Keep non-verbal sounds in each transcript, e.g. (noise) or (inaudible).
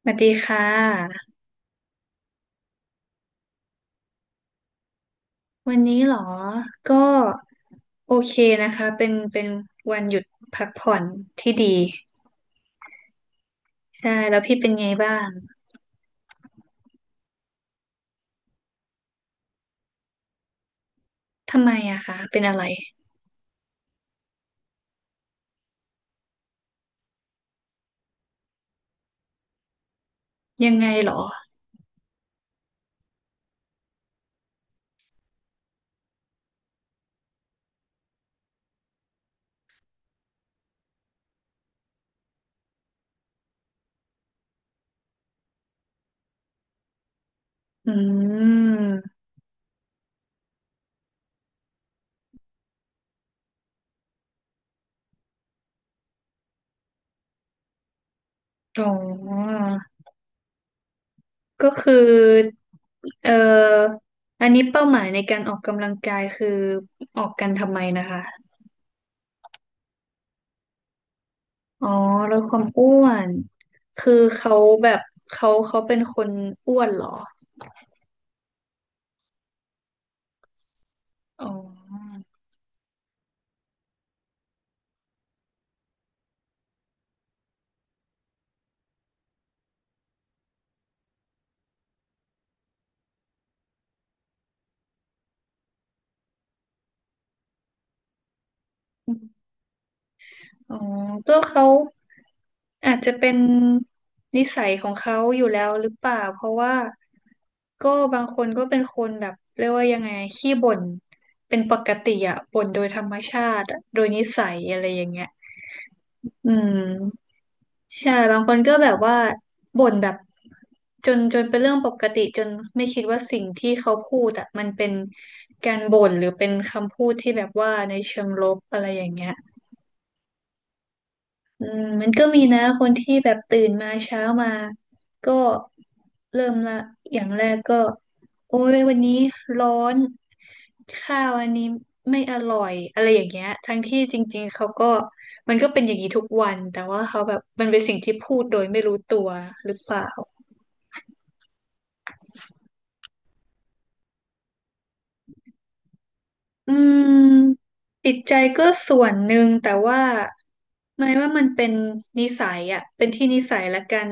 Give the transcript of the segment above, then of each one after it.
สวัสดีค่ะวันนี้เหรอก็โอเคนะคะเป็นวันหยุดพักผ่อนที่ดีใช่แล้วพี่เป็นไงบ้างทำไมอะคะเป็นอะไรยังไงเหรออืมอ๋อก็คือเอ่ออันนี้เป้าหมายในการออกกำลังกายคือออกกันทำไมนะคะอ๋อลดความอ้วนคือเขาแบบเขาเป็นคนอ้วนเหรออ๋อ อ๋อก็เขาอาจจะเป็นนิสัยของเขาอยู่แล้วหรือเปล่า เพราะว่าก็บางคนก็เป็นคนแบบเรียกว่ายังไงขี้บ่นเป็นปกติอะบ่นโดยธรรมชาติอะโดยนิสัยอะไรอย่างเงี้ยอืมใช่บางคนก็แบบว่าบ่นแบบจนเป็นเรื่องปกติจนไม่คิดว่าสิ่งที่เขาพูดอะมันเป็นการบ่นหรือเป็นคำพูดที่แบบว่าในเชิงลบอะไรอย่างเงี้ย อืมมันก็มีนะคนที่แบบตื่นมาเช้ามาก็เริ่มละอย่างแรกก็โอ้ยวันนี้ร้อนข้าวอันนี้ไม่อร่อยอะไรอย่างเงี้ยทั้งที่จริงๆเขาก็มันก็เป็นอย่างนี้ทุกวันแต่ว่าเขาแบบมันเป็นสิ่งที่พูดโดยไม่รู้ตัวหรือเปล่า อืมจิตใจก็ส่วนหนึ่งแต่ว่าไม่ว่ามันเป็นนิสัยอ่ะเป็นที่นิสัยและการ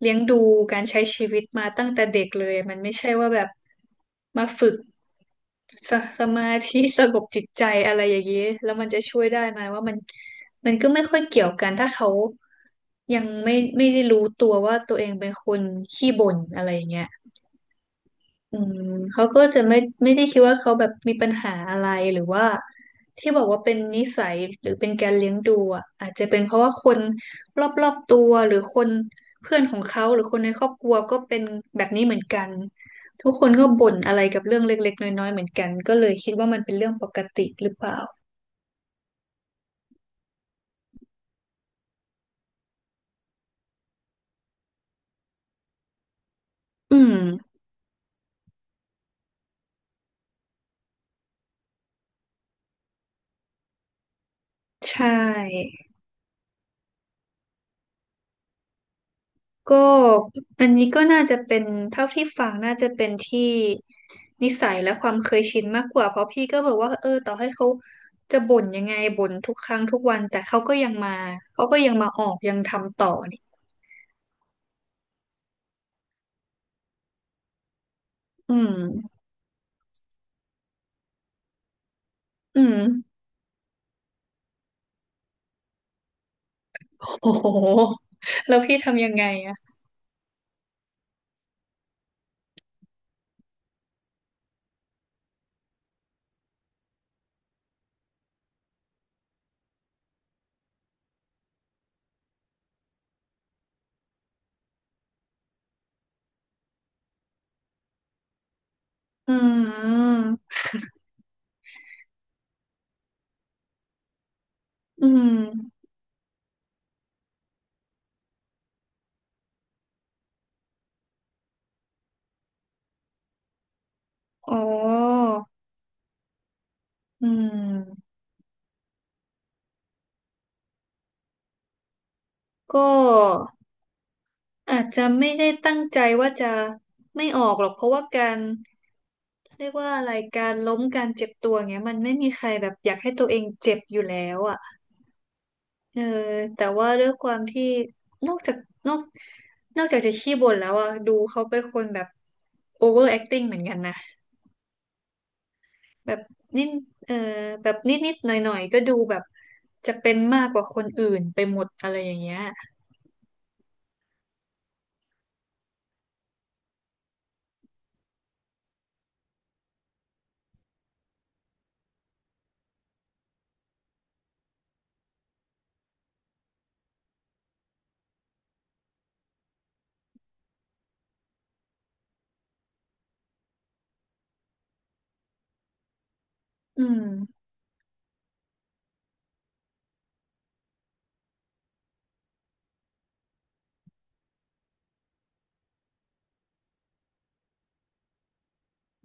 เลี้ยงดูการใช้ชีวิตมาตั้งแต่เด็กเลยมันไม่ใช่ว่าแบบมาฝึกสสมาธิสงบจิตใจอะไรอย่างนี้แล้วมันจะช่วยได้ไหมว่ามันมันก็ไม่ค่อยเกี่ยวกันถ้าเขายังไม่ได้รู้ตัวว่าตัวเองเป็นคนขี้บ่นอะไรอย่างเงี้ย อืมเขาก็จะไม่ไม่ได้คิดว่าเขาแบบมีปัญหาอะไรหรือว่าที่บอกว่าเป็นนิสัยหรือเป็นการเลี้ยงดูอ่ะอาจจะเป็นเพราะว่าคนรอบตัวหรือคนเพื่อนของเขาหรือคนในครอบครัวก็เป็นแบบนี้เหมือนกันทุกคนก็บ่นอะไรกับเรื่องเล็กๆน้อยๆเหมือนกันก็เลยคิดว่ามันเป็นเรื่องปกติหรือเปล่าอืมใช่ ก็อันนี้ก็น่าจะเป็นเท่าที่ฟังน่าจะเป็นที่นิสัยและความเคยชินมากกว่าเพราะพี่ก็บอกว่าเออต่อให้เขาจะบ่นยังไงบ่นทุกครั้งทุกวันแต่เขาก็ยังมาเขาก็ยังมาออกยังทำต่อนี่อืมอืมโอ้โหแล้วพี่ทำยังไงอะอืมอืมอ๋ออืมก็อาจจะไม่ได้ตั้งใจว่าจะไม่ออกหรอกเพราะว่าการ เรียกว่าอะไรการล้มการเจ็บตัวเงี้ยมันไม่มีใครแบบอยากให้ตัวเองเจ็บอยู่แล้วอ่ะเออแต่ว่าด้วยความที่นอกจากนอกนอกจากจะขี้บ่นแล้วอ่ะดูเขาเป็นคนแบบ over acting เหมือนกันนะแบบนิดเออแบบนิดหน่อยหน่อยๆก็ดูแบบจะเป็นมากกว่าคนอื่นไปหมดอะไรอย่างเงี้ยอืม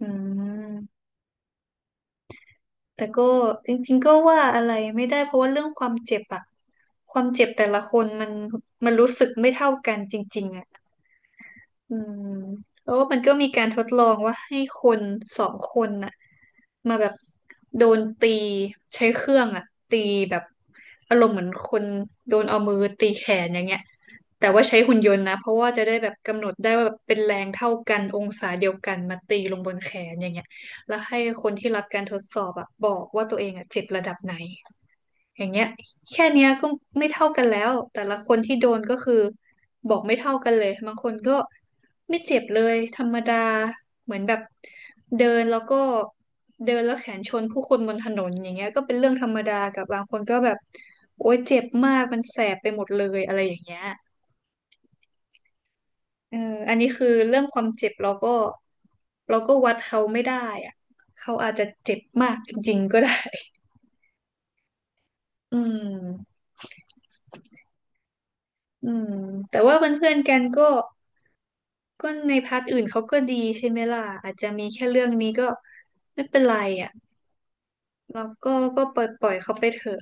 อืม แต่ก็จริงๆก็ว่าอะไรไม่ได้เพราะว่าเรื่องความเจ็บอะความเจ็บแต่ละคนมันมันรู้สึกไม่เท่ากันจริงๆอะ อืมแล้วมันก็มีการทดลองว่าให้คนสองคนน่ะมาแบบโดนตีใช้เครื่องอ่ะตีแบบอารมณ์เหมือนคนโดนเอามือตีแขนอย่างเงี้ยแต่ว่าใช้หุ่นยนต์นะเพราะว่าจะได้แบบกำหนดได้ว่าแบบเป็นแรงเท่ากันองศาเดียวกันมาตีลงบนแขนอย่างเงี้ยแล้วให้คนที่รับการทดสอบอ่ะบอกว่าตัวเองอ่ะเจ็บระดับไหน อย่างเงี้ยแค่เนี้ยก็ไม่เท่ากันแล้วแต่ละคนที่โดนก็คือบอกไม่เท่ากันเลยบางคนก็ไม่เจ็บเลยธรรมดาเหมือนแบบเดินแล้วก็เดินแล้วแขนชนผู้คนบนถนนอย่างเงี้ยก็เป็นเรื่องธรรมดากับบางคนก็แบบโอ๊ยเจ็บมากมันแสบไปหมดเลยอะไรอย่างเงี้ยเอออันนี้คือเรื่องความเจ็บเราก็เราก็วัดเขาไม่ได้อะเขาอาจจะเจ็บมากจริงๆก็ได้ (laughs) อืมอืมแต่ว่าเพื่อนๆกันก็ ก็ในพาร์ทอื่นเขาก็ดีใช่ไหมล่ะอาจจะมีแค่เรื่องนี้ก็ไม่เป็นไรอ่ะเราก็ก็ปล่อยเขาไปเถอะ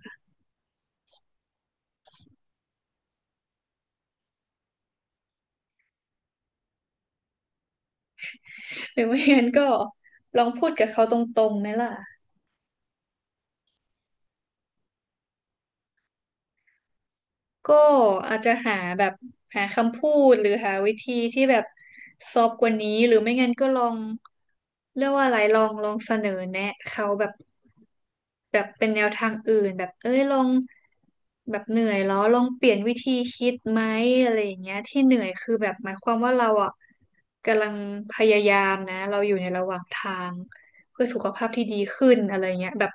หรือไม่งั้นก็ลองพูดกับเขาตรงๆไหมล่ะ ก็อาจจะหาแบบหาคำพูดหรือหาวิธีที่แบบซอฟต์กว่านี้หรือไม่งั้นก็ลองเรียกว่าอะไรลองเสนอแนะเขาแบบแบบเป็นแนวทางอื่นแบบเอ้ยลองแบบเหนื่อยแล้วลองเปลี่ยนวิธีคิดไหมอะไรอย่างเงี้ยที่เหนื่อยคือแบบหมายความว่าเราอ่ะกำลังพยายามนะเราอยู่ในระหว่างทาง เพื่อสุขภาพที่ดีขึ้นอะไรเงี้ยแบบ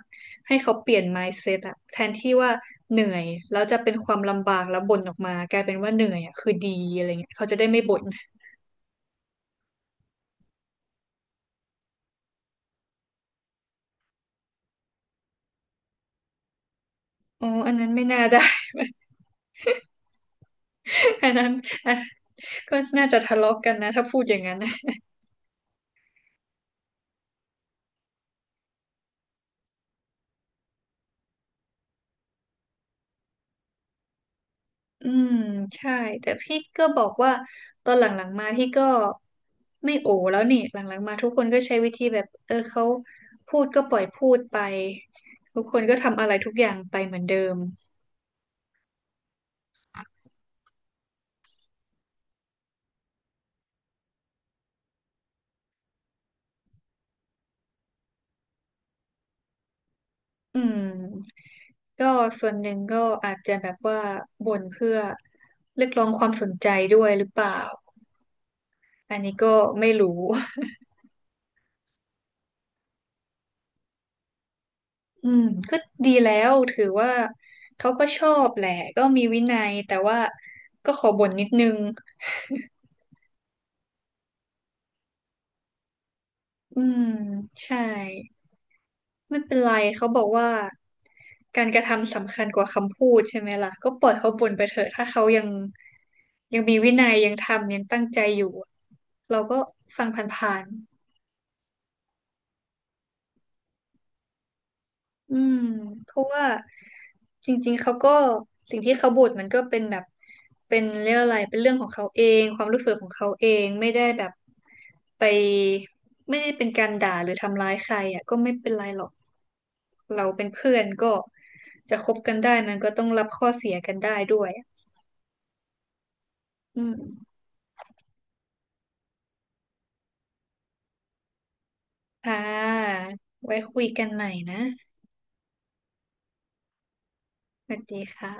ให้เขาเปลี่ยน mindset อะแทนที่ว่าเหนื่อยแล้วจะเป็นความลำบากแล้วบ่นออกมากลายเป็นว่าเหนื่อยอะคือดีอะไรเงี้ยเขาจะได้ไม่บ่นอ๋ออันนั้นไม่น่าได้ (laughs) อันนั้นอ่ะก็น่าจะทะเลาะกันนะถ้าพูดอย่างนั้น (laughs) นะอืมใช่แต่พี่ก็บอกว่าตอนหลังๆมาพี่ก็ไม่โอแล้วนี่หลังๆมาทุกคนก็ใช้วิธีแบบเออเขาพูดก็ปล่อยพูดไปทุกคนก็ทำอะไรทุกอย่างไปเหมือนเดิมอืม ก็ส่วนหนึ่งก็อาจจะแบบว่าบ่นเพื่อเรียกร้องความสนใจด้วยหรือเปล่าอันนี้ก็ไม่รู้ (laughs) อืมก็ดีแล้วถือว่าเขาก็ชอบแหละก็มีวินัยแต่ว่าก็ขอบ่นนิดนึงอืมใช่ไม่เป็นไรเขาบอกว่าการกระทำสำคัญกว่าคำพูดใช่ไหมล่ะก็ปล่อยเขาบ่นไปเถอะถ้าเขายังยังมีวินัยยังทำยังตั้งใจอยู่เราก็ฟังผ่านๆ อืมเพราะว่าจริงๆเขาก็สิ่งที่เขาบ่นมันก็เป็นแบบเป็นเรื่องอะไรเป็นเรื่องของเขาเองความรู้สึกของเขาเองไม่ได้แบบไปไม่ได้เป็นการด่าหรือทำร้ายใครอ่ะก็ไม่เป็นไรหรอกเราเป็นเพื่อนก็จะคบกันได้มันก็ต้องรับข้อเสียกันได้ด้วยอะอืมค่ะไว้คุยกันใหม่นะสวัสดีค่ะ